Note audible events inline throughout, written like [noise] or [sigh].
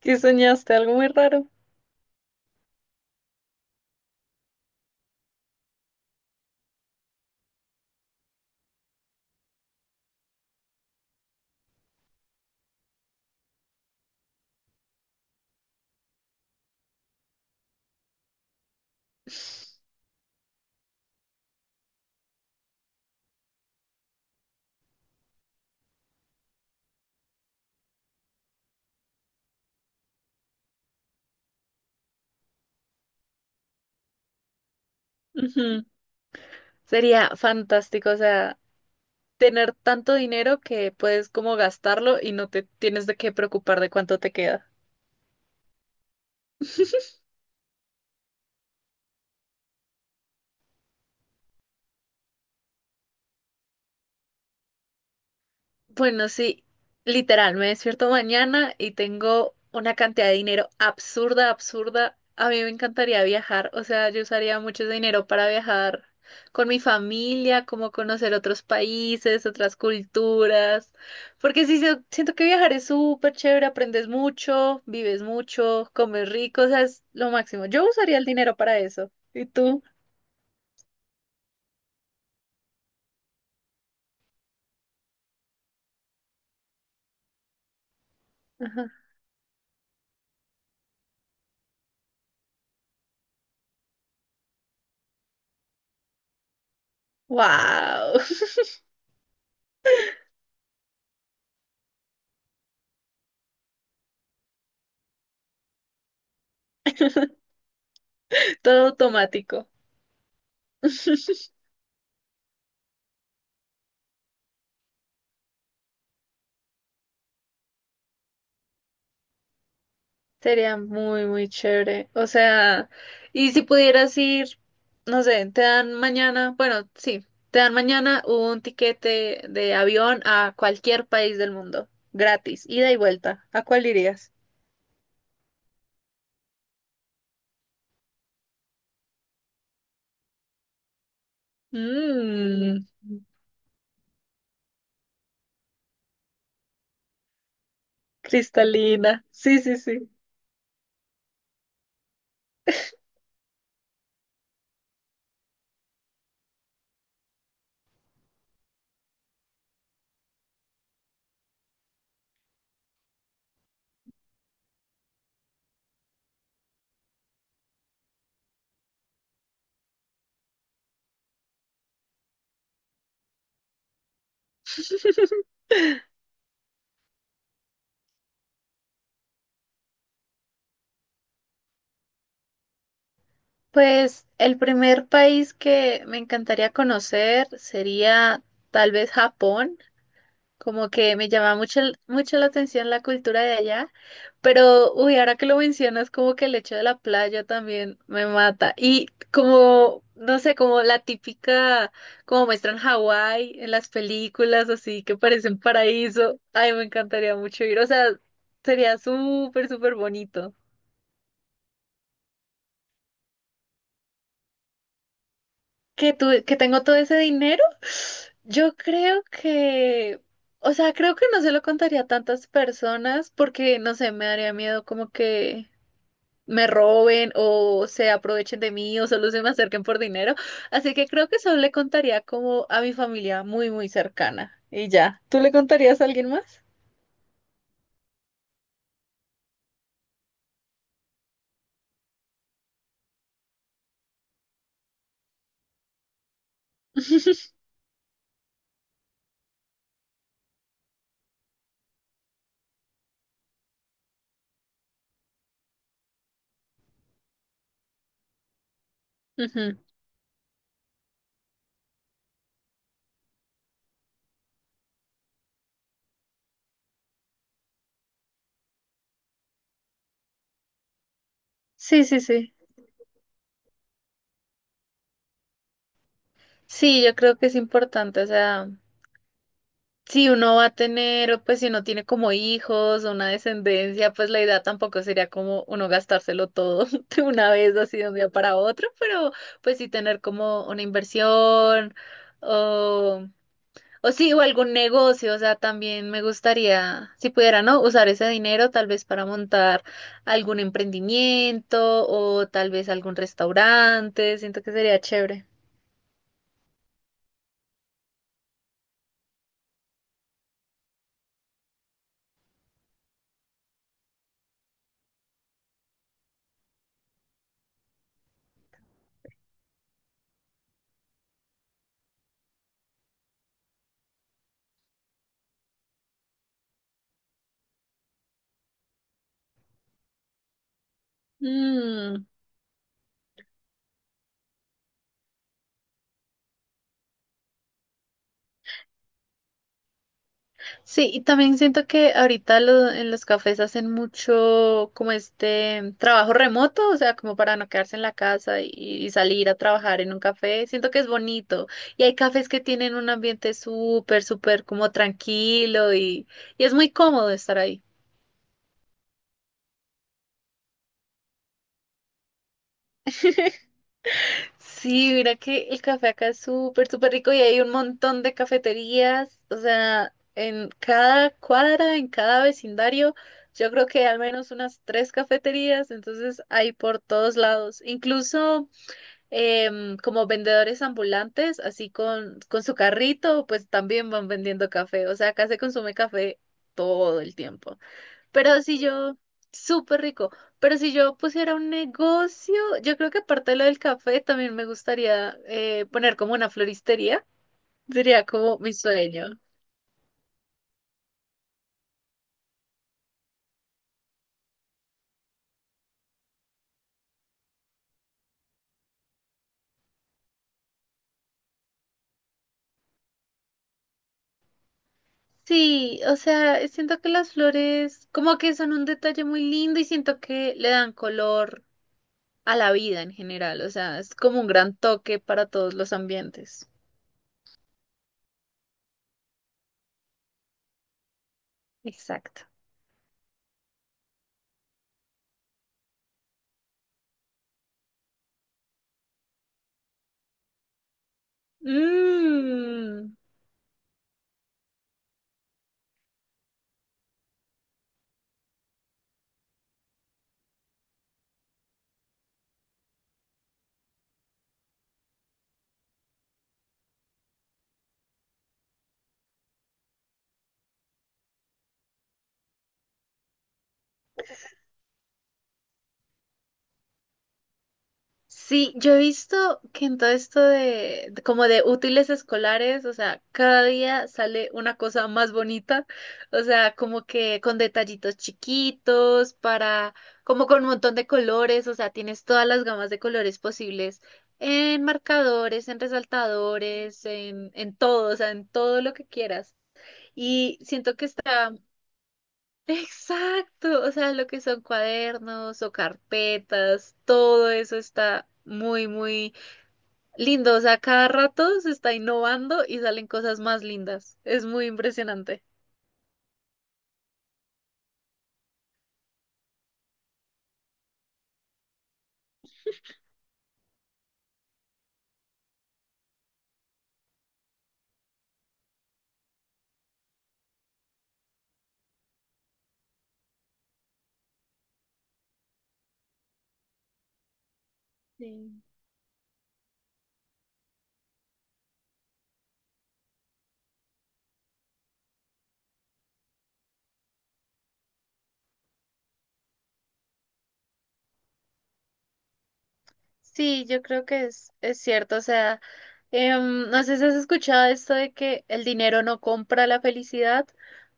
Que soñaste algo muy raro. Ujú. Sería fantástico, o sea, tener tanto dinero que puedes como gastarlo y no te tienes de qué preocupar de cuánto te queda. Bueno, sí, literal, me despierto mañana y tengo una cantidad de dinero absurda, absurda. A mí me encantaría viajar, o sea, yo usaría mucho ese dinero para viajar con mi familia, como conocer otros países, otras culturas, porque sí, siento que viajar es súper chévere, aprendes mucho, vives mucho, comes rico, o sea, es lo máximo. Yo usaría el dinero para eso. ¿Y tú? Ajá. Wow, [laughs] todo automático. Sería muy, muy chévere. O sea, y si pudieras ir, no sé, te dan mañana, bueno, sí, te dan mañana un tiquete de avión a cualquier país del mundo, gratis, ida y vuelta. ¿A cuál irías? Mmm, cristalina. Sí, sí, sí. [laughs] Pues el primer país que me encantaría conocer sería tal vez Japón. Como que me llama mucho, mucho la atención la cultura de allá, pero uy, ahora que lo mencionas, como que el hecho de la playa también me mata. Y como, no sé, como la típica, como muestran Hawái en las películas, así que parecen paraíso. Ay, me encantaría mucho ir, o sea, sería súper, súper bonito. Que tengo todo ese dinero, yo creo que, o sea, creo que no se lo contaría a tantas personas porque, no sé, me daría miedo como que me roben o se aprovechen de mí o solo se me acerquen por dinero. Así que creo que solo le contaría como a mi familia muy, muy cercana y ya. ¿Tú le contarías a alguien más? Ujú. Sí, sí, sí. Sí, yo creo que es importante, o sea. Si uno va a tener, pues si uno tiene como hijos o una descendencia, pues la idea tampoco sería como uno gastárselo todo [laughs] de una vez, así de un día para otro, pero pues sí tener como una inversión o, o sí, o algún negocio, o sea, también me gustaría, si pudiera, ¿no? Usar ese dinero tal vez para montar algún emprendimiento o tal vez algún restaurante, siento que sería chévere. Mm. Sí, y también siento que ahorita en los cafés hacen mucho como este trabajo remoto, o sea, como para no quedarse en la casa y salir a trabajar en un café. Siento que es bonito. Y hay cafés que tienen un ambiente súper, súper como tranquilo y es muy cómodo estar ahí. Sí, mira que el café acá es súper, súper rico y hay un montón de cafeterías, o sea, en cada cuadra, en cada vecindario, yo creo que hay al menos unas tres cafeterías, entonces hay por todos lados, incluso como vendedores ambulantes, así con, su carrito, pues también van vendiendo café, o sea, acá se consume café todo el tiempo. Pero si yo, súper rico, pero si yo pusiera un negocio, yo creo que aparte de lo del café, también me gustaría poner como una floristería. Sería como mi sueño. Sí, o sea, siento que las flores como que son un detalle muy lindo y siento que le dan color a la vida en general. O sea, es como un gran toque para todos los ambientes. Exacto. Mmm. Sí, yo he visto que en todo esto de, como de útiles escolares, o sea, cada día sale una cosa más bonita, o sea, como que con detallitos chiquitos, para, como con un montón de colores, o sea, tienes todas las gamas de colores posibles en marcadores, en resaltadores, en todo, o sea, en todo lo que quieras. Y siento que está. Exacto, o sea, lo que son cuadernos o carpetas, todo eso está muy, muy lindo. O sea, cada rato se está innovando y salen cosas más lindas. Es muy impresionante. Sí. Sí, yo creo que es cierto. O sea, no sé si has escuchado esto de que el dinero no compra la felicidad,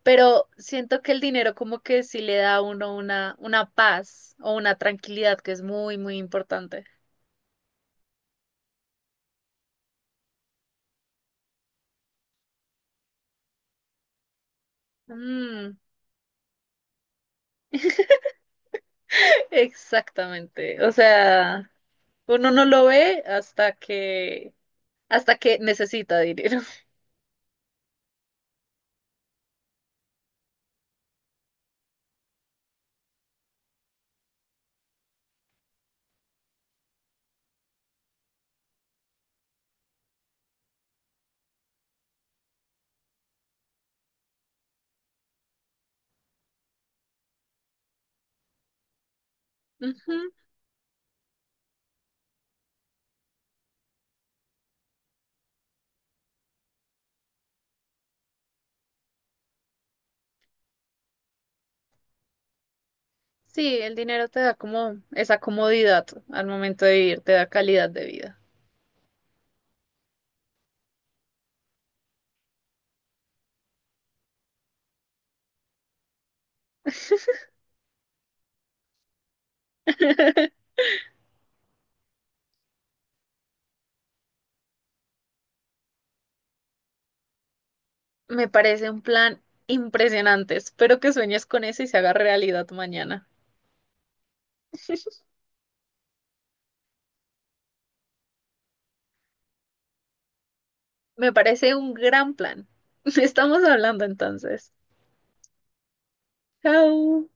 pero siento que el dinero como que sí le da a uno una paz o una tranquilidad que es muy, muy importante. Mm. Exactamente. O sea, uno no lo ve hasta que necesita dinero. [laughs] Ujú. Sí, el dinero te da como esa comodidad al momento de vivir, te da calidad de vida. Me parece un plan impresionante. Espero que sueñes con eso y se haga realidad mañana. Me parece un gran plan. [laughs] Estamos hablando entonces. Chao.